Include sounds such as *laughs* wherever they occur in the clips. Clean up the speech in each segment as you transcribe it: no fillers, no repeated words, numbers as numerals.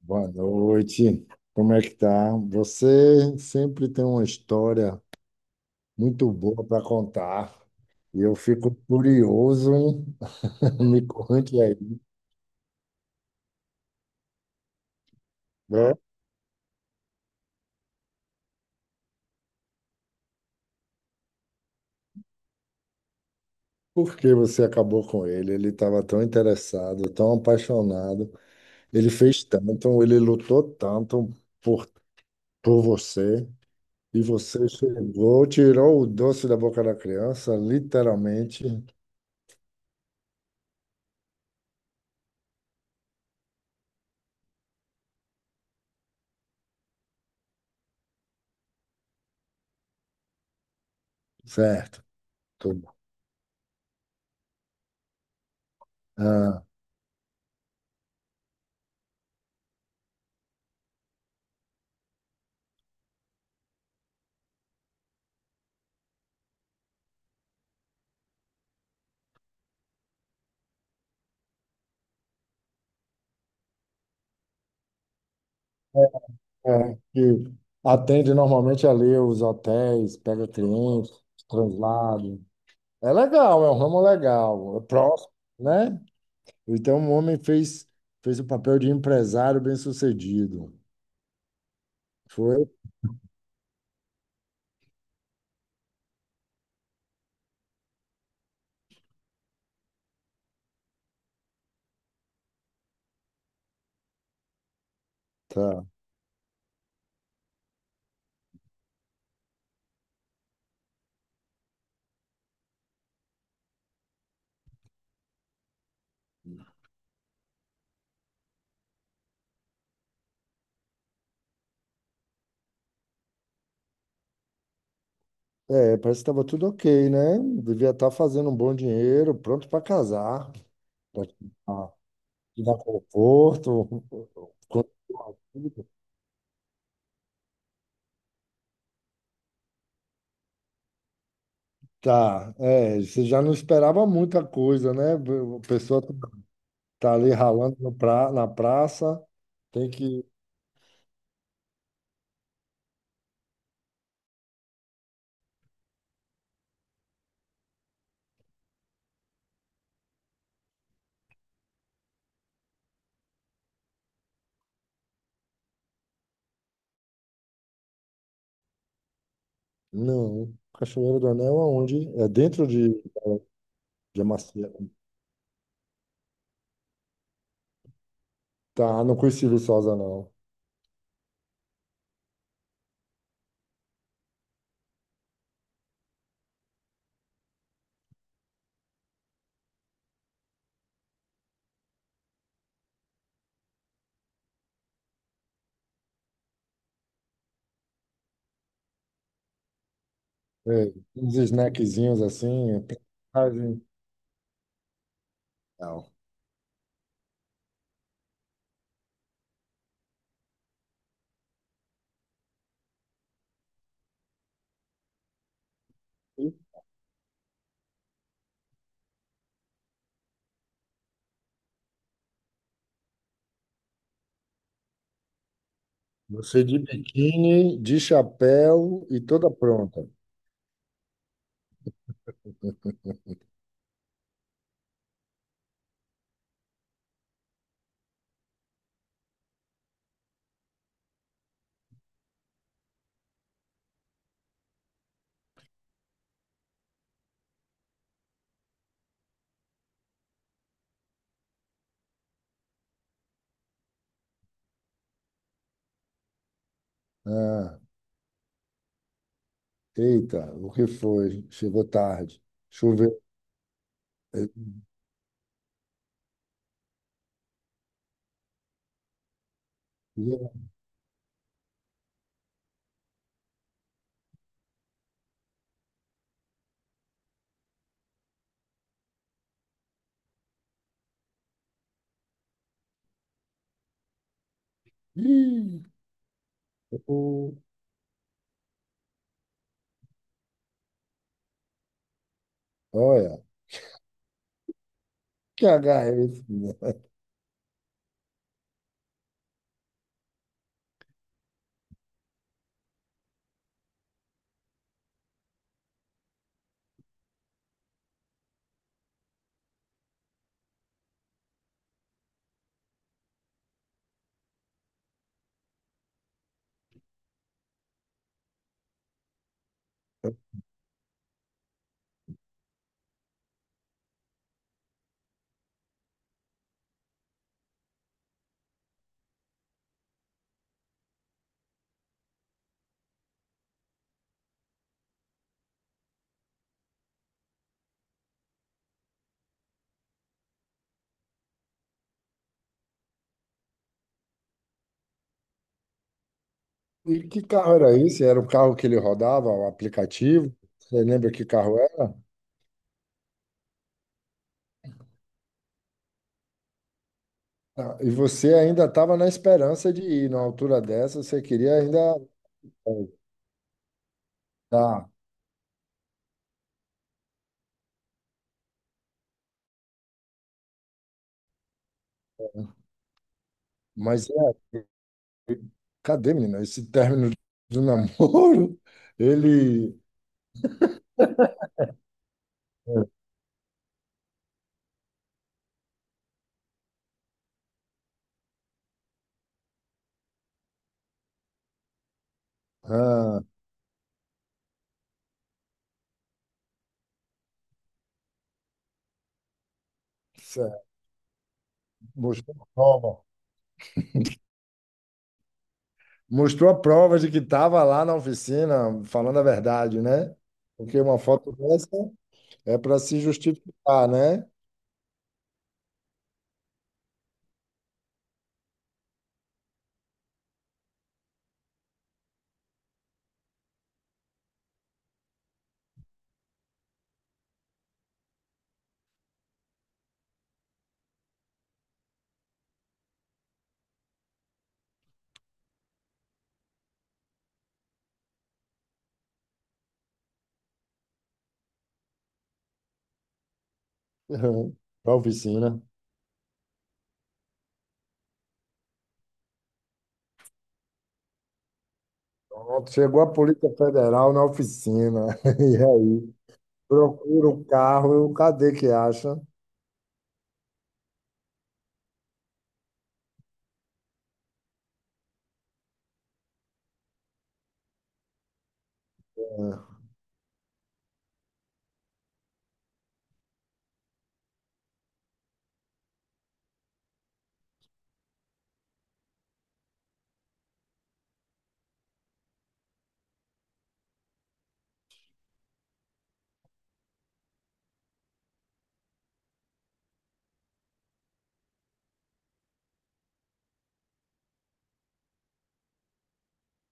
Boa noite. Como é que tá? Você sempre tem uma história muito boa para contar. E eu fico curioso, hein? *laughs* Me conte aí, né? Por que você acabou com ele? Ele estava tão interessado, tão apaixonado. Ele fez tanto, ele lutou tanto por, por você. E você chegou, tirou o doce da boca da criança, literalmente. Certo. Tudo. Ah. É, que atende normalmente ali os hotéis, pega clientes, translado. É legal, é um ramo legal, é próximo, né? Então um homem fez, fez o papel de empresário bem-sucedido. Foi? Tá. É, parece que estava tudo ok, né? Devia estar fazendo um bom dinheiro, pronto para casar, para dar te dar conforto. *laughs* Tá, é, você já não esperava muita coisa, né? A pessoa tá ali ralando no pra, na praça, tem que. Não, Cachoeira do Anel aonde? É dentro de Amaciato. Tá, não conheci Viçosa, não. É, uns snackzinhos assim, personagem. Não. Você de biquíni, de chapéu e toda pronta. Ah, eita, o que foi? Chegou tarde. Choveu. Ih, o- olha, que H é esse? E que carro era esse? Era o carro que ele rodava, o aplicativo? Você lembra que carro era? Ah, e você ainda estava na esperança de ir, numa altura dessa, você queria ainda. Ah, tá, mas é, cadê, menina? Esse término do namoro, *laughs* ele é, ah, cê- mostrou a prova. Mostrou a prova de que estava lá na oficina falando a verdade, né? Porque uma foto dessa é para se justificar, né? *laughs* Para a oficina. Pronto, chegou a Polícia Federal na oficina. *laughs* E aí? Procura o carro, eu, cadê que acha? É,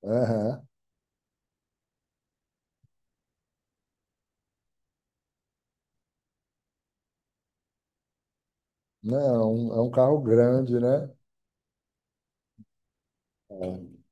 aham. Não, é um carro grande, né? É.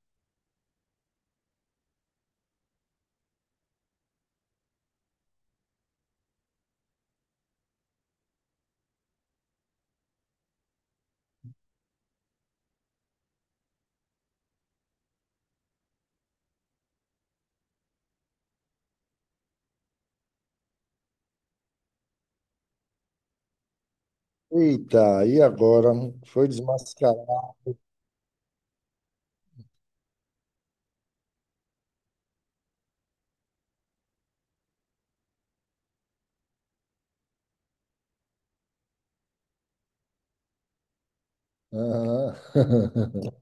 Eita, e agora? Foi desmascarado. Aham. *laughs*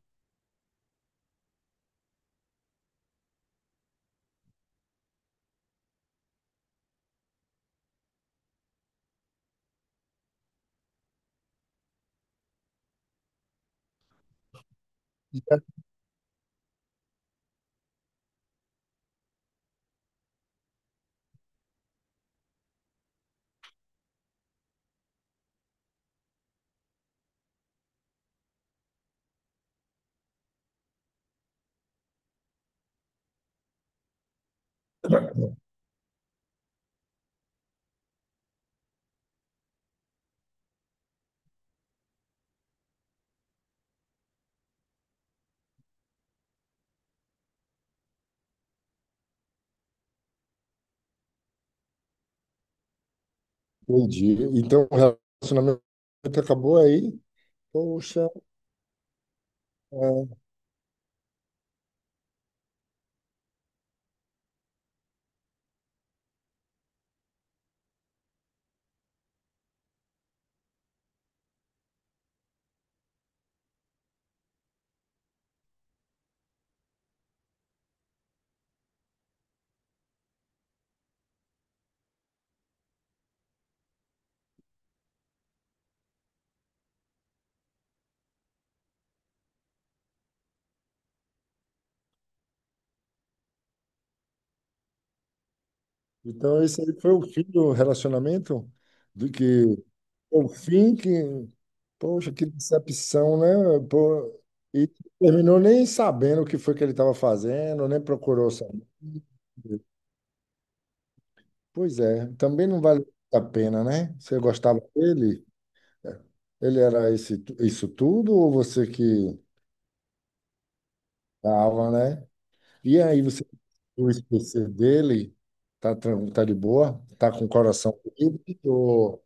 Entendi. Então, o relacionamento acabou aí? Poxa. É. Então, esse aí foi o fim do relacionamento? Do que O fim que. Poxa, que decepção, né? Pô, e terminou nem sabendo o que foi que ele estava fazendo, nem procurou saber. Pois é, também não vale a pena, né? Você gostava dele? Ele era esse, isso tudo ou você que tava né? E aí você conseguiu esquecer dele? Tá, tran- tá de boa? Tá com o coração livre ou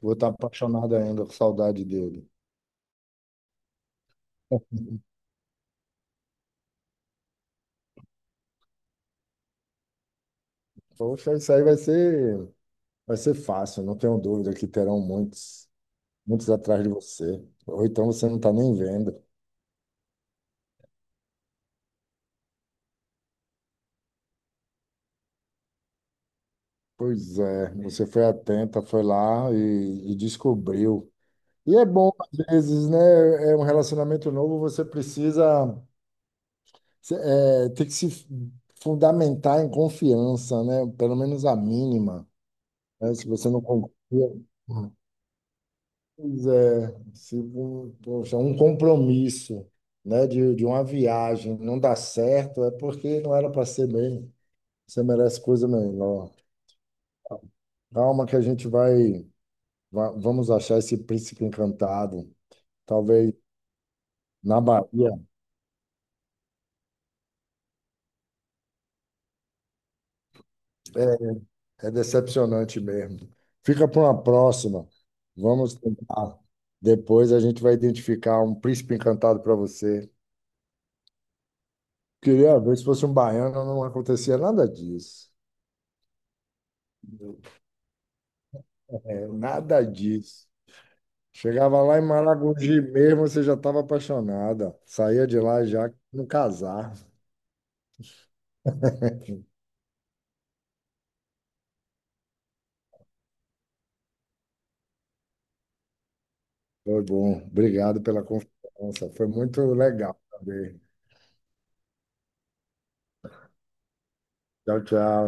vou estar apaixonado ainda com saudade dele? Poxa, isso aí vai ser. Vai ser fácil, não tenho dúvida que terão muitos, muitos atrás de você. Ou então você não está nem vendo. Pois é, você foi atenta, foi lá e descobriu. E é bom, às vezes, né? É um relacionamento novo, você precisa se- é, ter que se fundamentar em confiança, né? Pelo menos a mínima. Né? Se você não confia. Pois é, se, um- poxa, um compromisso, né, de uma viagem não dá certo, é porque não era para ser mesmo. Você merece coisa melhor. Calma que a gente vai, vamos achar esse príncipe encantado. Talvez na Bahia. É, é decepcionante mesmo. Fica para uma próxima. Vamos tentar. Depois a gente vai identificar um príncipe encantado para você. Queria ver se fosse um baiano, não acontecia nada disso. É, nada disso. Chegava lá em Maragogi mesmo, você já estava apaixonada. Saía de lá já no casar. *laughs* Foi bom. Obrigado pela confiança. Foi muito legal também. Tchau, tchau.